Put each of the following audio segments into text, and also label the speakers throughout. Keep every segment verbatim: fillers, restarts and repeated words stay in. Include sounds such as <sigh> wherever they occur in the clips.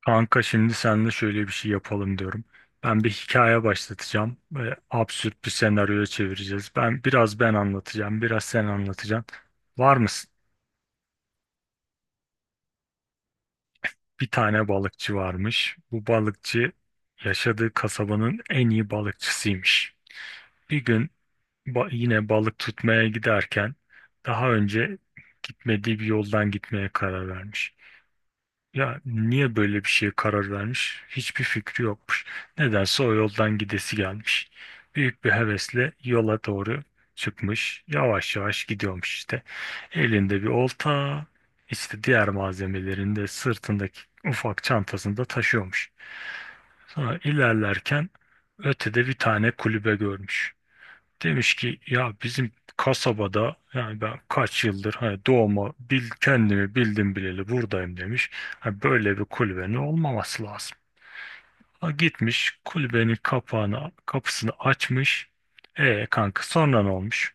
Speaker 1: Kanka şimdi seninle şöyle bir şey yapalım diyorum. Ben bir hikaye başlatacağım ve absürt bir senaryoya çevireceğiz. Ben biraz ben anlatacağım, biraz sen anlatacaksın. Var mısın? Bir tane balıkçı varmış. Bu balıkçı yaşadığı kasabanın en iyi balıkçısıymış. Bir gün ba- yine balık tutmaya giderken daha önce gitmediği bir yoldan gitmeye karar vermiş. Ya niye böyle bir şeye karar vermiş? Hiçbir fikri yokmuş. Nedense o yoldan gidesi gelmiş. Büyük bir hevesle yola doğru çıkmış. Yavaş yavaş gidiyormuş işte. Elinde bir olta, işte diğer malzemelerini de sırtındaki ufak çantasında taşıyormuş. Sonra ilerlerken ötede bir tane kulübe görmüş. Demiş ki ya bizim kasabada yani ben kaç yıldır hani doğma bil, kendimi bildim bileli buradayım demiş. Hani böyle bir kulübenin olmaması lazım. Ha, gitmiş kulübenin kapağını kapısını açmış. E kanka sonra ne olmuş?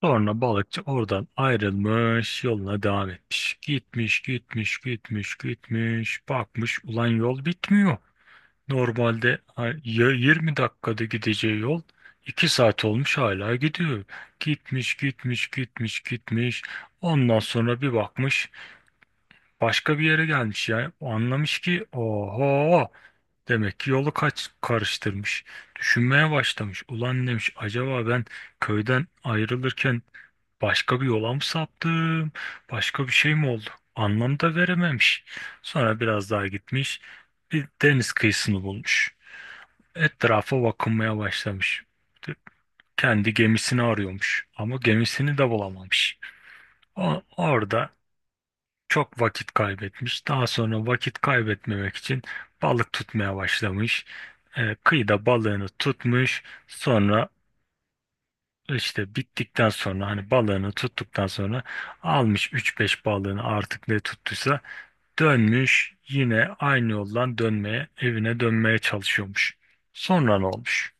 Speaker 1: Sonra balıkçı oradan ayrılmış yoluna devam etmiş. Gitmiş gitmiş gitmiş gitmiş bakmış ulan yol bitmiyor. Normalde ha- ya yirmi dakikada gideceği yol iki saat olmuş hala gidiyor. Gitmiş gitmiş gitmiş gitmiş. Ondan sonra bir bakmış başka bir yere gelmiş ya. Anlamış ki oho demek ki yolu kaç karıştırmış. Düşünmeye başlamış. Ulan demiş acaba ben köyden ayrılırken başka bir yola mı saptım? Başka bir şey mi oldu? Anlam da verememiş. Sonra biraz daha gitmiş. Bir deniz kıyısını bulmuş. Etrafa bakınmaya başlamış. Kendi gemisini arıyormuş ama gemisini de bulamamış. O, orada çok vakit kaybetmiş. Daha sonra vakit kaybetmemek için balık tutmaya başlamış. Ee, kıyıda balığını tutmuş. Sonra işte bittikten sonra hani balığını tuttuktan sonra almış üç beş balığını artık ne tuttuysa dönmüş. Yine aynı yoldan dönmeye, evine dönmeye çalışıyormuş. Sonra ne olmuş?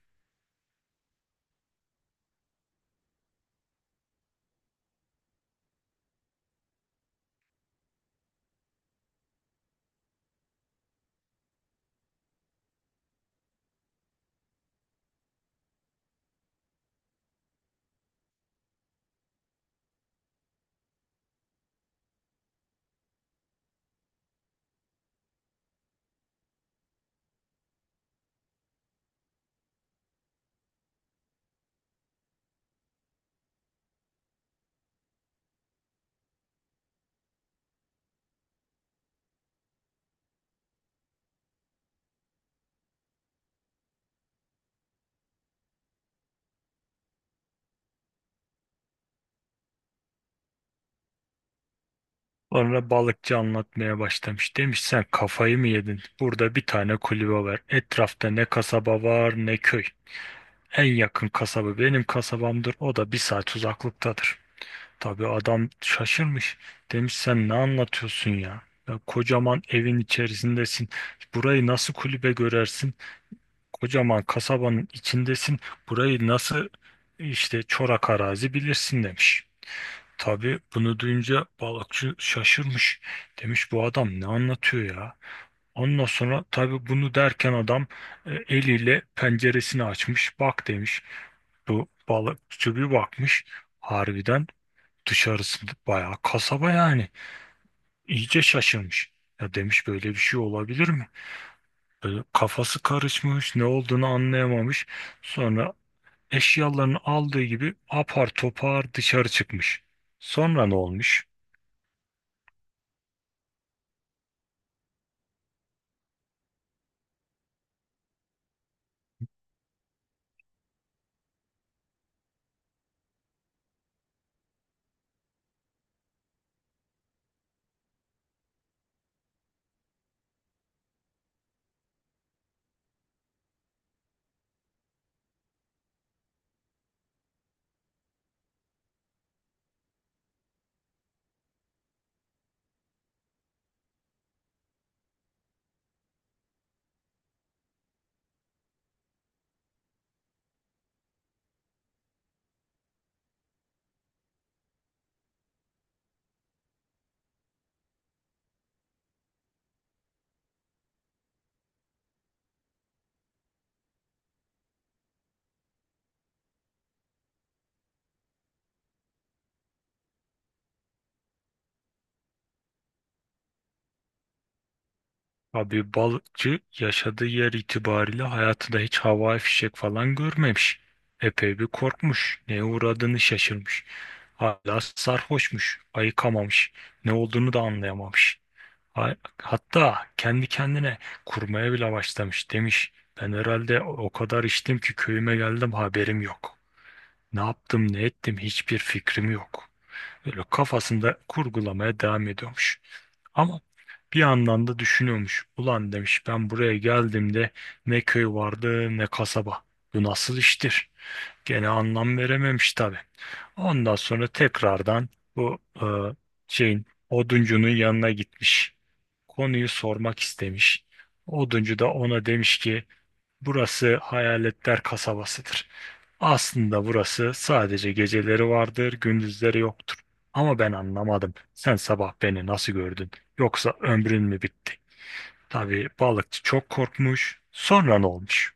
Speaker 1: Sonra balıkçı anlatmaya başlamış. Demiş sen kafayı mı yedin? Burada bir tane kulübe var. Etrafta ne kasaba var ne köy. En yakın kasaba benim kasabamdır. O da bir saat uzaklıktadır. Tabii adam şaşırmış. Demiş sen ne anlatıyorsun ya? Ya kocaman evin içerisindesin. Burayı nasıl kulübe görersin? Kocaman kasabanın içindesin. Burayı nasıl işte çorak arazi bilirsin demiş. Tabii bunu duyunca balıkçı şaşırmış. Demiş bu adam ne anlatıyor ya? Ondan sonra tabii bunu derken adam e, eliyle penceresini açmış. Bak demiş. Bu balıkçı bir bakmış. Harbiden dışarısı bayağı kasaba yani. İyice şaşırmış. Ya demiş böyle bir şey olabilir mi? Böyle kafası karışmış, ne olduğunu anlayamamış. Sonra eşyalarını aldığı gibi apar topar dışarı çıkmış. Sonra ne olmuş? Abi balıkçı yaşadığı yer itibariyle hayatında hiç havai fişek falan görmemiş. Epey bir korkmuş. Neye uğradığını şaşırmış. Hala sarhoşmuş. Ayıkamamış. Ne olduğunu da anlayamamış. Ha- Hatta kendi kendine kurmaya bile başlamış. Demiş ben herhalde o o kadar içtim ki köyüme geldim haberim yok. Ne yaptım ne ettim hiçbir fikrim yok. Böyle kafasında kurgulamaya devam ediyormuş. Ama bir yandan da düşünüyormuş. Ulan demiş ben buraya geldiğimde ne köy vardı ne kasaba. Bu nasıl iştir? Gene anlam verememiş tabii. Ondan sonra tekrardan bu e, şeyin oduncunun yanına gitmiş. Konuyu sormak istemiş. Oduncu da ona demiş ki burası hayaletler kasabasıdır. Aslında burası sadece geceleri vardır, gündüzleri yoktur. Ama ben anlamadım. Sen sabah beni nasıl gördün? Yoksa ömrün mü bitti? Tabii balıkçı çok korkmuş. Sonra ne olmuş?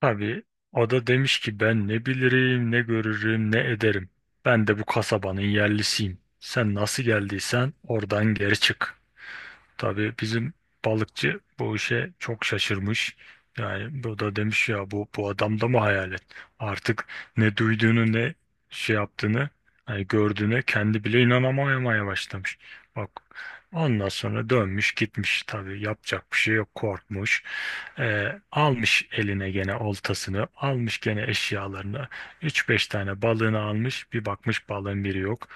Speaker 1: Tabii o da demiş ki ben ne bilirim, ne görürüm, ne ederim. Ben de bu kasabanın yerlisiyim. Sen nasıl geldiysen oradan geri çık. Tabii bizim balıkçı bu işe çok şaşırmış. Yani bu da demiş ya bu bu adamda mı hayalet? Artık ne duyduğunu ne şey yaptığını hani gördüğüne kendi bile inanamamaya başlamış. Bak ondan sonra dönmüş gitmiş tabii yapacak bir şey yok korkmuş. Ee, almış eline gene oltasını almış gene eşyalarını üç beş tane balığını almış bir bakmış balığın biri yok.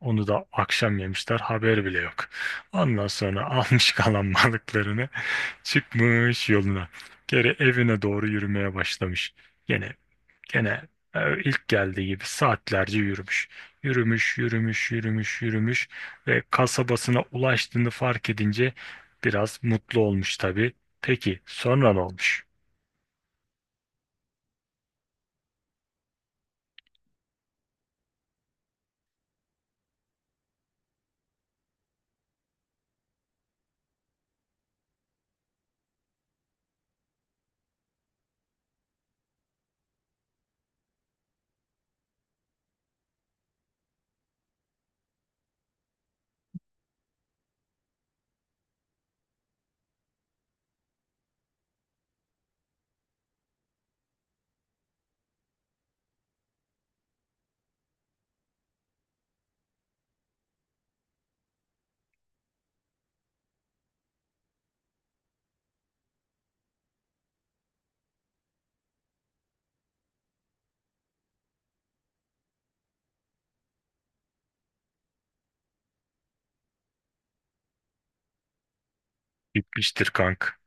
Speaker 1: Onu da akşam yemişler haber bile yok. Ondan sonra <laughs> almış kalan balıklarını çıkmış yoluna. Geri evine doğru yürümeye başlamış. Gene gene e, ilk geldiği gibi saatlerce yürümüş. Yürümüş, yürümüş, yürümüş, yürümüş ve kasabasına ulaştığını fark edince biraz mutlu olmuş tabii. Peki sonra ne olmuş? Bitmiştir kank.